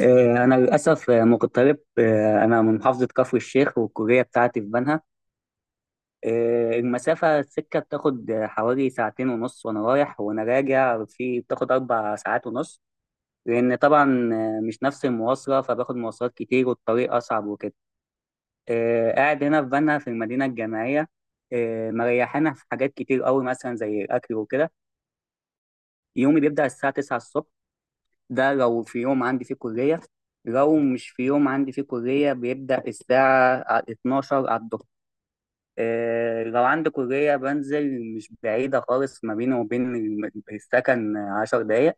أنا للأسف مغترب. أنا من محافظة كفر الشيخ والكلية بتاعتي في بنها. المسافة السكة بتاخد حوالي ساعتين ونص، وأنا رايح وأنا راجع في بتاخد أربع ساعات ونص، لأن طبعا مش نفس المواصلة، فباخد مواصلات كتير والطريق أصعب وكده. قاعد هنا في بنها في المدينة الجامعية. مريحانا في حاجات كتير قوي، مثلا زي الأكل وكده. يومي بيبدأ الساعة 9 الصبح، ده لو في يوم عندي فيه كلية. لو مش في يوم عندي فيه كلية بيبدأ الساعة 12 على الظهر. لو عندي كلية بنزل، مش بعيدة خالص، ما بيني وبين السكن عشر دقايق.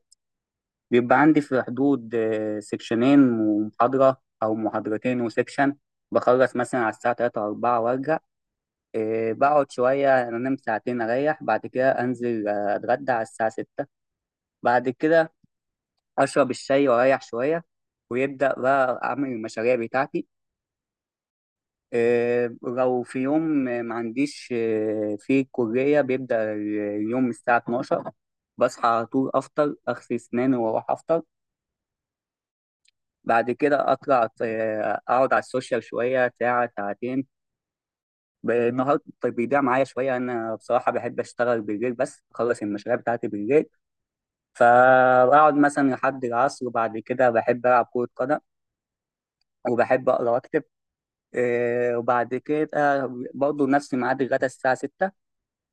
بيبقى عندي في حدود سكشنين ومحاضرة، أو محاضرتين وسكشن. بخلص مثلا على الساعة تلاتة أربعة وأرجع. بقعد شوية، أنام ساعتين أريح، بعد كده أنزل أتغدى على الساعة ستة. بعد كده اشرب الشاي واريح شويه، ويبدا بقى اعمل المشاريع بتاعتي. لو في يوم ما عنديش في الكليه بيبدا اليوم الساعه 12. بصحى على طول، افطر، اغسل اسناني واروح افطر. بعد كده اطلع اقعد على السوشيال شويه، ساعه ساعتين. النهار طيب بيضيع معايا شويه. انا بصراحه بحب اشتغل بالليل، بس اخلص المشاريع بتاعتي بالليل، فبقعد مثلا لحد العصر. وبعد كده بحب العب كره قدم، وبحب اقرا واكتب. وبعد كده برضه نفس ميعاد الغدا الساعة 6.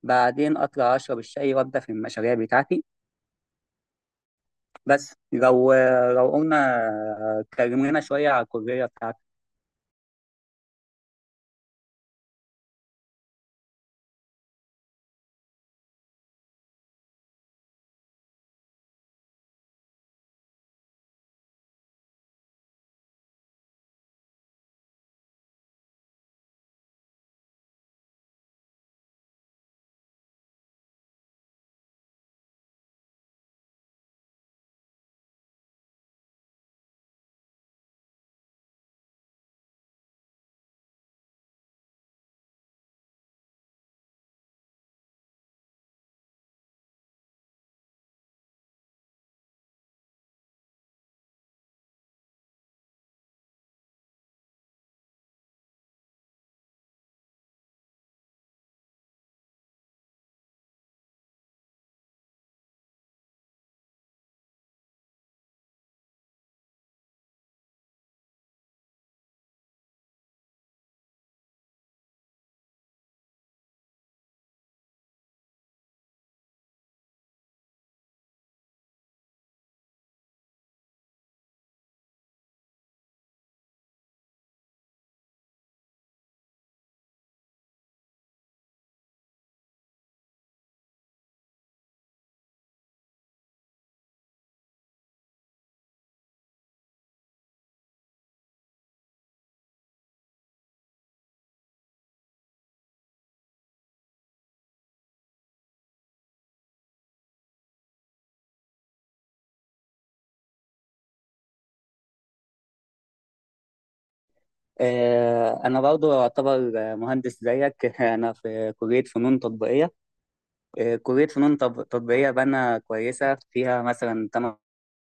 بعدين أطلع أشرب الشاي وأبدأ في المشاريع بتاعتي. بس لو، لو قلنا اتكلمنا شوية على الكلية بتاعتي. أنا برضه أعتبر مهندس زيك أنا في كلية فنون تطبيقية. كلية فنون تطبيقية بنا كويسة، فيها مثلا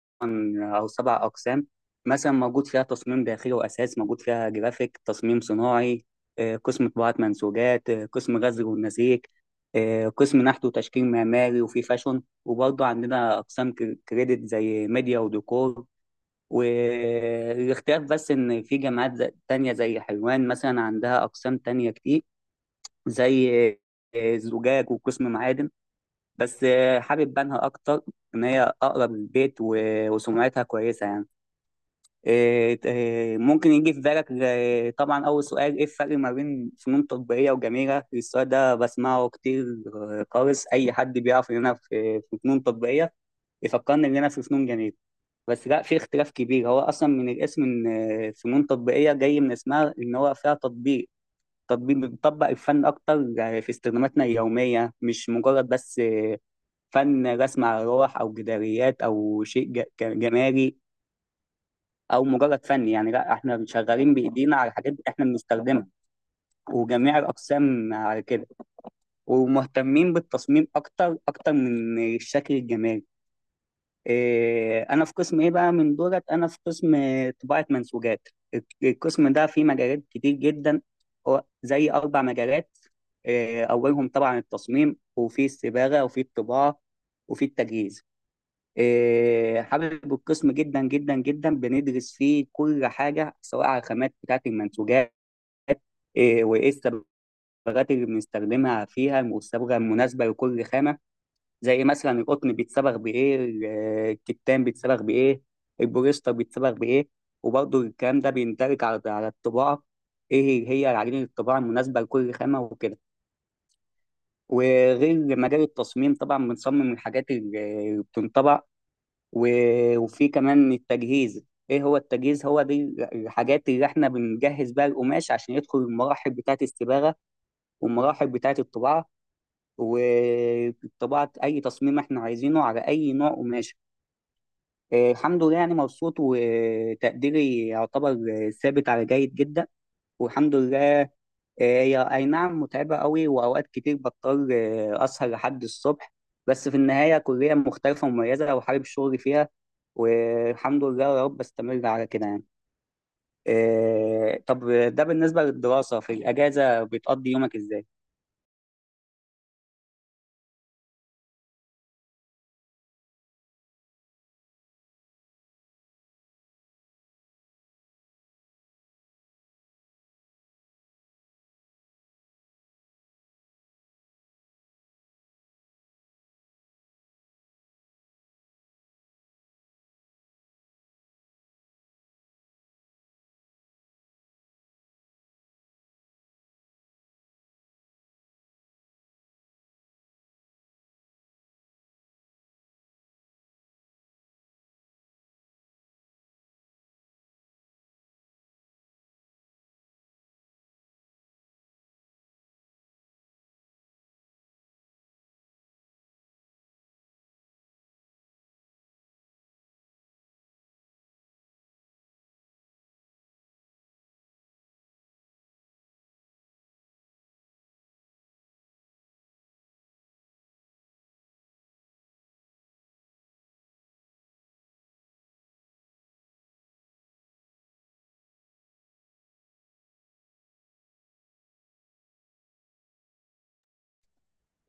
تمن او سبع اقسام. مثلا موجود فيها تصميم داخلي واساس، موجود فيها جرافيك، تصميم صناعي، قسم طباعه منسوجات، قسم غزل ونسيج، قسم نحت وتشكيل معماري، وفي فاشون، وبرضه عندنا اقسام كريدت زي ميديا وديكور. والاختلاف بس ان في جامعات تانية زي حلوان مثلا عندها اقسام تانية كتير، زي زجاج وقسم معادن. بس حابب بنها اكتر، ان هي اقرب للبيت وسمعتها كويسه يعني. إيه، إيه، ممكن يجي في بالك، إيه، طبعا أول سؤال إيه الفرق ما بين فنون تطبيقية وجميلة؟ السؤال ده بسمعه كتير خالص. أي حد بيعرف إن أنا في فنون تطبيقية يفكرني إن أنا في فنون جميلة، بس لا، في اختلاف كبير. هو أصلا من الاسم، إن فنون تطبيقية جاي من اسمها إن هو فيها تطبيق. بنطبق الفن أكتر في استخداماتنا اليومية، مش مجرد بس فن رسم على لوح أو جداريات أو شيء جمالي او مجرد فني يعني. لا، احنا شغالين بايدينا على حاجات احنا بنستخدمها، وجميع الاقسام على كده، ومهتمين بالتصميم اكتر من الشكل الجمالي. إيه، انا في قسم ايه بقى من دولت؟ انا في قسم طباعة منسوجات. القسم ده فيه مجالات كتير جدا، هو زي اربع مجالات. إيه، اولهم طبعا التصميم، وفي الصباغة، وفي الطباعة، وفي التجهيز. إيه، حابب القسم جدا جدا جدا. بندرس فيه كل حاجة، سواء على الخامات بتاعة المنسوجات، إيه، وإيه الصبغات اللي بنستخدمها فيها، والصبغة المناسبة لكل خامة. زي مثلا القطن بيتصبغ بإيه، الكتان بيتصبغ بإيه، البوليستر بيتصبغ بإيه. وبرضه الكلام ده بيندرج على الطباعة، إيه هي عجينة الطباعة المناسبة لكل خامة وكده. وغير مجال التصميم طبعا، بنصمم الحاجات اللي بتنطبع، وفي كمان التجهيز. ايه هو التجهيز؟ هو دي الحاجات اللي احنا بنجهز بيها القماش عشان يدخل المراحل بتاعه الصباغه والمراحل بتاعه الطباعه، وطباعه اي تصميم احنا عايزينه على اي نوع قماش. الحمد لله، يعني مبسوط، وتقديري يعتبر ثابت على جيد جدا، والحمد لله. هي أي نعم متعبة قوي، وأوقات كتير بضطر أسهر لحد الصبح، بس في النهاية كلية مختلفة ومميزة، وحابب شغلي فيها، والحمد لله يا رب أستمر على كده يعني. طب ده بالنسبة للدراسة، في الأجازة بتقضي يومك إزاي؟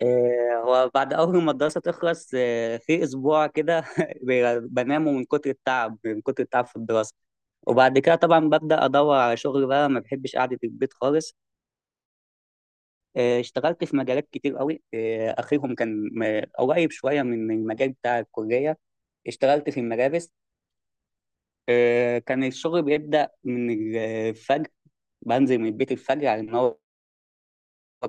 هو بعد أول ما الدراسة تخلص في أسبوع كده بنامه من كتر التعب، في الدراسة. وبعد كده طبعا ببدأ أدور على شغل بقى، ما بحبش قعدة البيت خالص. اشتغلت في مجالات كتير قوي، اخرهم كان قريب شويه من المجال بتاع الكليه. اشتغلت في الملابس. كان الشغل بيبدا من الفجر. بنزل من البيت الفجر، على ان هو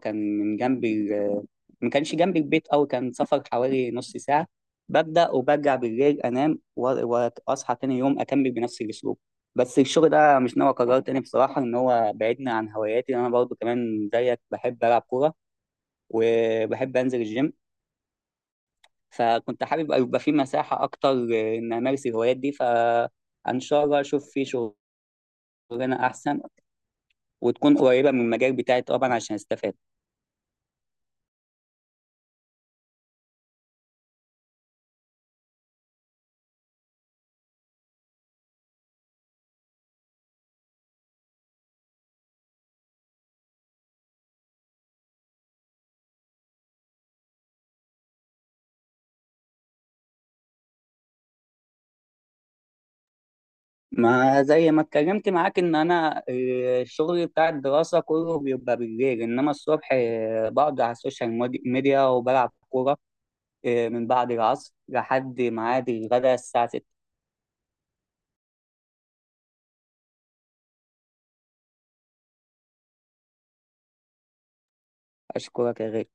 كان من جنب ما كانش جنب البيت قوي، كان سفر حوالي نص ساعه. ببدا، وبرجع بالليل انام، واصحى تاني يوم اكمل بنفس الاسلوب. بس الشغل ده مش ناوي اكرره تاني بصراحه، ان هو بعدني عن هواياتي. انا برضو كمان زيك بحب العب كوره وبحب انزل الجيم، فكنت حابب يبقى في مساحة أكتر إن أمارس الهوايات دي. فإن شاء الله أشوف في شغلانة أحسن، وتكون قريبة من المجال بتاعي طبعا عشان أستفاد. ما زي ما اتكلمت معاك إن أنا الشغل بتاع الدراسة كله بيبقى بالليل، إنما الصبح بقعد على السوشيال ميديا وبلعب كورة. من بعد العصر لحد ميعاد الغداء الساعة 6. أشكرك يا غالي.